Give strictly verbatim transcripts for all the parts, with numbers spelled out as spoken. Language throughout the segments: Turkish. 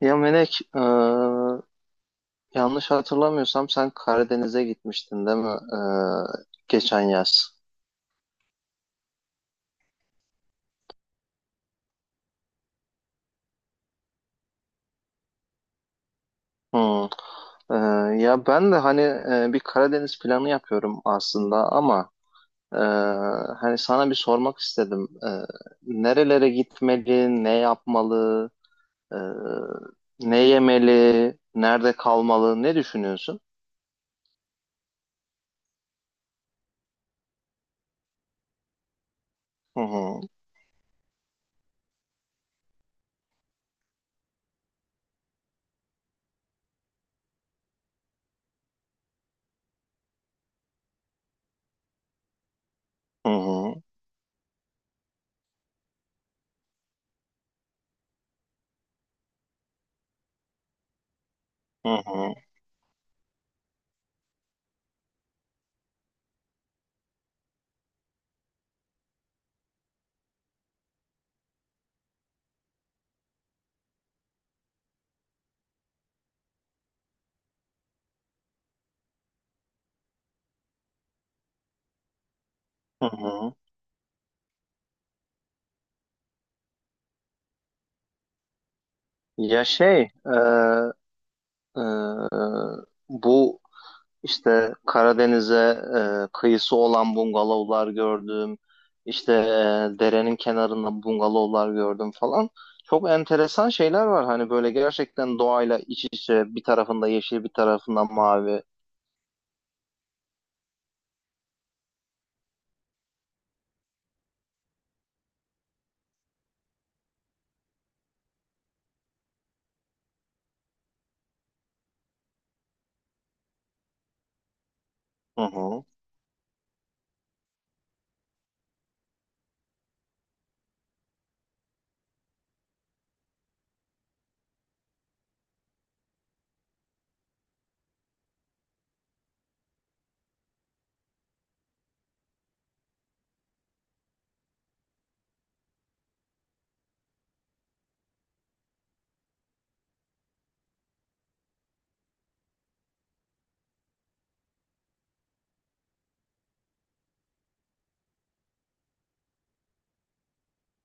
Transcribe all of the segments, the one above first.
Ya Melek, e, yanlış hatırlamıyorsam sen Karadeniz'e gitmiştin değil mi? E, geçen yaz. Hmm. E, ya ben de hani e, bir Karadeniz planı yapıyorum aslında ama e, hani sana bir sormak istedim. E, nerelere gitmeli, ne yapmalı, e, ne yemeli, nerede kalmalı, ne düşünüyorsun? Hı hı, hı hı, hı hı, hı hı. Ya şey, e, e, bu İşte Karadeniz'e e, kıyısı olan bungalovlar gördüm. İşte e, derenin kenarında bungalovlar gördüm falan. Çok enteresan şeyler var. Hani böyle gerçekten doğayla iç içe, bir tarafında yeşil bir tarafında mavi. Hı hı.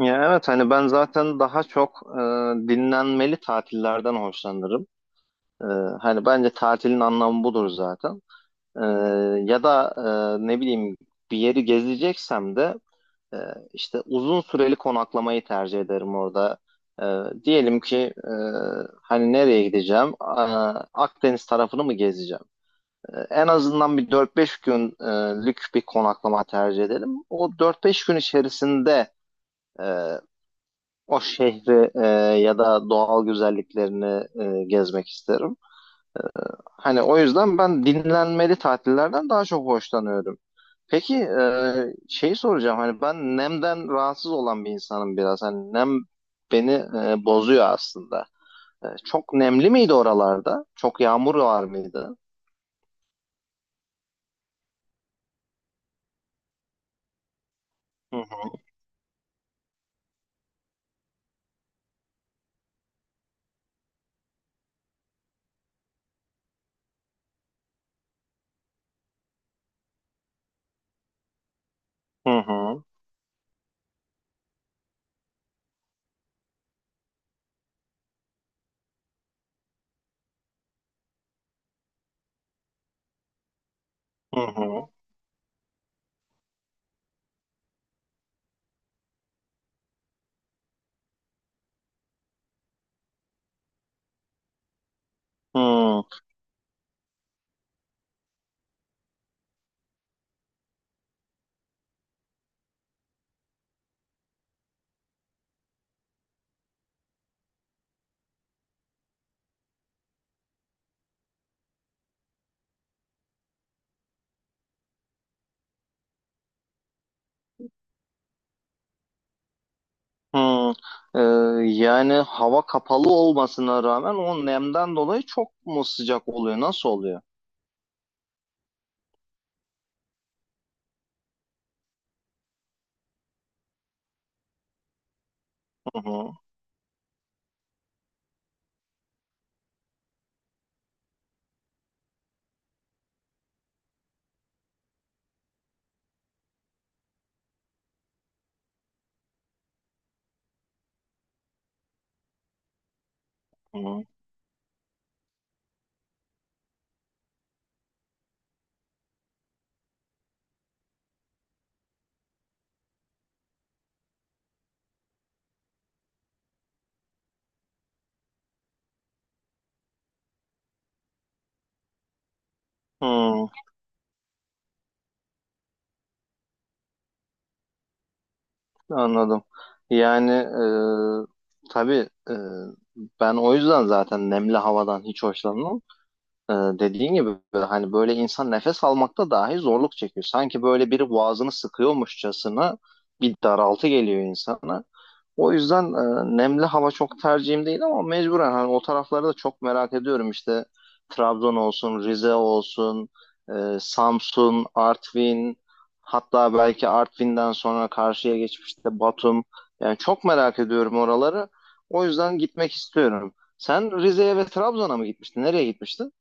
Ya evet, hani ben zaten daha çok e, dinlenmeli tatillerden hoşlanırım. E, Hani bence tatilin anlamı budur zaten. E, Ya da e, ne bileyim, bir yeri gezeceksem de Ee, işte uzun süreli konaklamayı tercih ederim orada. Ee, diyelim ki e, hani nereye gideceğim? Aa, Akdeniz tarafını mı gezeceğim? Ee, en azından bir dört beş günlük bir konaklama tercih edelim. O dört beş gün içerisinde e, o şehri, e, ya da doğal güzelliklerini e, gezmek isterim. Hani o yüzden ben dinlenmeli tatillerden daha çok hoşlanıyorum. Peki e, şeyi soracağım, hani ben nemden rahatsız olan bir insanım biraz. Hani nem beni e, bozuyor aslında. E, çok nemli miydi oralarda? Çok yağmur var mıydı? Hı hı, hı hı, hı. Hı, hı. E, Yani hava kapalı olmasına rağmen o nemden dolayı çok mu sıcak oluyor? Nasıl oluyor? Hı hı, hı. Hı. Anladım. Yani e, tabii, e, ben o yüzden zaten nemli havadan hiç hoşlanmam. Ee, dediğin gibi hani böyle insan nefes almakta dahi zorluk çekiyor. Sanki böyle biri boğazını sıkıyormuşçasına bir daraltı geliyor insana. O yüzden e, nemli hava çok tercihim değil ama mecburen hani o tarafları da çok merak ediyorum. İşte Trabzon olsun, Rize olsun, e, Samsun, Artvin, hatta belki Artvin'den sonra karşıya geçmişte Batum. Yani çok merak ediyorum oraları. O yüzden gitmek istiyorum. Sen Rize'ye ve Trabzon'a mı gitmiştin? Nereye gitmiştin?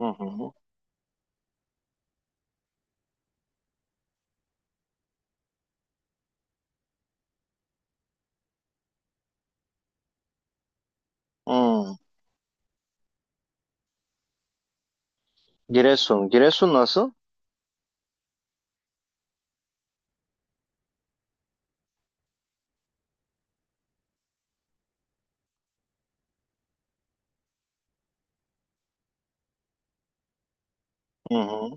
Hı hı. Hmm. Giresun. Giresun nasıl? Hı hı.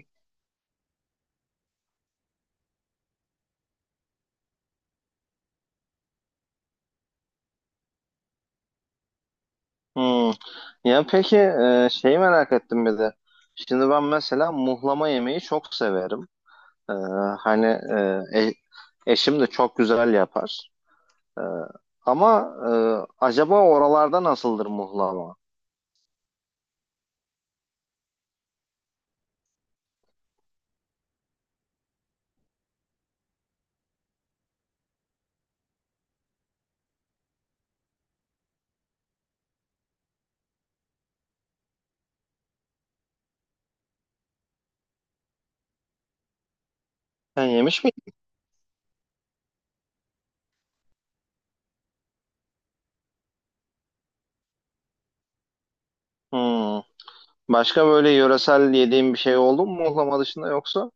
Hmm. Ya peki e, şeyi merak ettim bir de. Şimdi ben mesela muhlama yemeği çok severim. E, Hani e, e- eşim de çok güzel yapar. E, Ama e, acaba oralarda nasıldır muhlama? Sen yemiş miydin? Hmm. Başka böyle yöresel yediğin bir şey oldu mu muhlama dışında yoksa?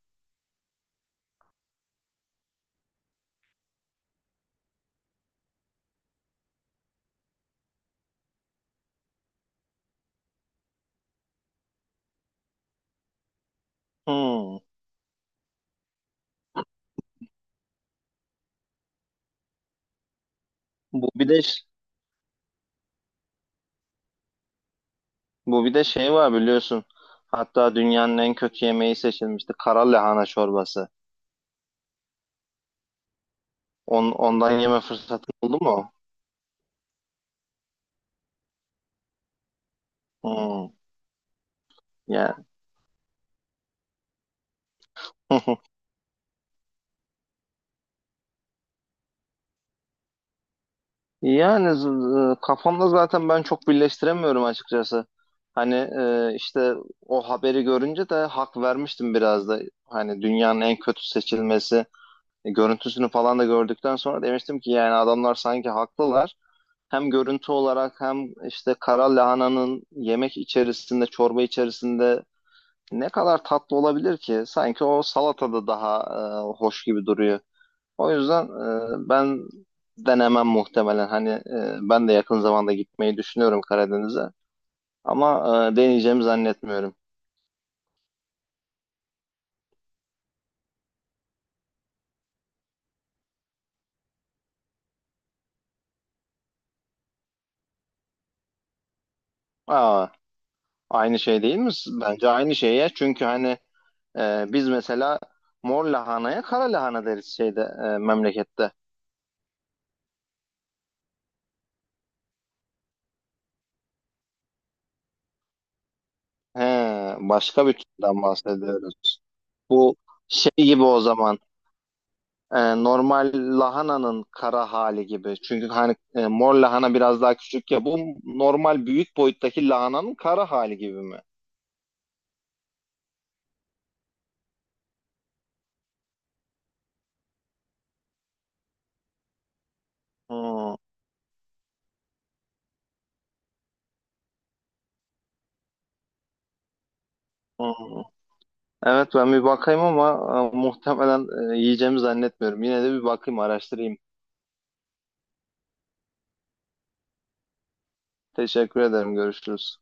Hmm. Bu bir de Bu bir de şey var biliyorsun. Hatta dünyanın en kötü yemeği seçilmişti. Kara lahana çorbası. On, ondan yeme fırsatı oldu mu? Hmm, yani. Yani z- z- kafamda zaten ben çok birleştiremiyorum açıkçası. Hani e, işte o haberi görünce de hak vermiştim biraz da. Hani dünyanın en kötü seçilmesi. E, görüntüsünü falan da gördükten sonra demiştim ki yani adamlar sanki haklılar. Hem görüntü olarak hem işte kara lahananın yemek içerisinde, çorba içerisinde ne kadar tatlı olabilir ki? Sanki o salatada daha e, hoş gibi duruyor. O yüzden e, ben denemem muhtemelen. Hani e, ben de yakın zamanda gitmeyi düşünüyorum Karadeniz'e. Ama e, deneyeceğimi zannetmiyorum. Aa, aynı şey değil mi? Bence aynı şey ya. Çünkü hani Ee, biz mesela mor lahanaya kara lahana deriz şeyde, e, memlekette. He, başka bir türden bahsediyoruz. Bu şey gibi o zaman, e, normal lahananın kara hali gibi. Çünkü hani e, mor lahana biraz daha küçük ya. Bu normal büyük boyuttaki lahananın kara hali gibi mi? Hmm, hmm. Evet, ben bir bakayım ama e, muhtemelen e, yiyeceğimi zannetmiyorum. Yine de bir bakayım, araştırayım. Teşekkür ederim. Görüşürüz.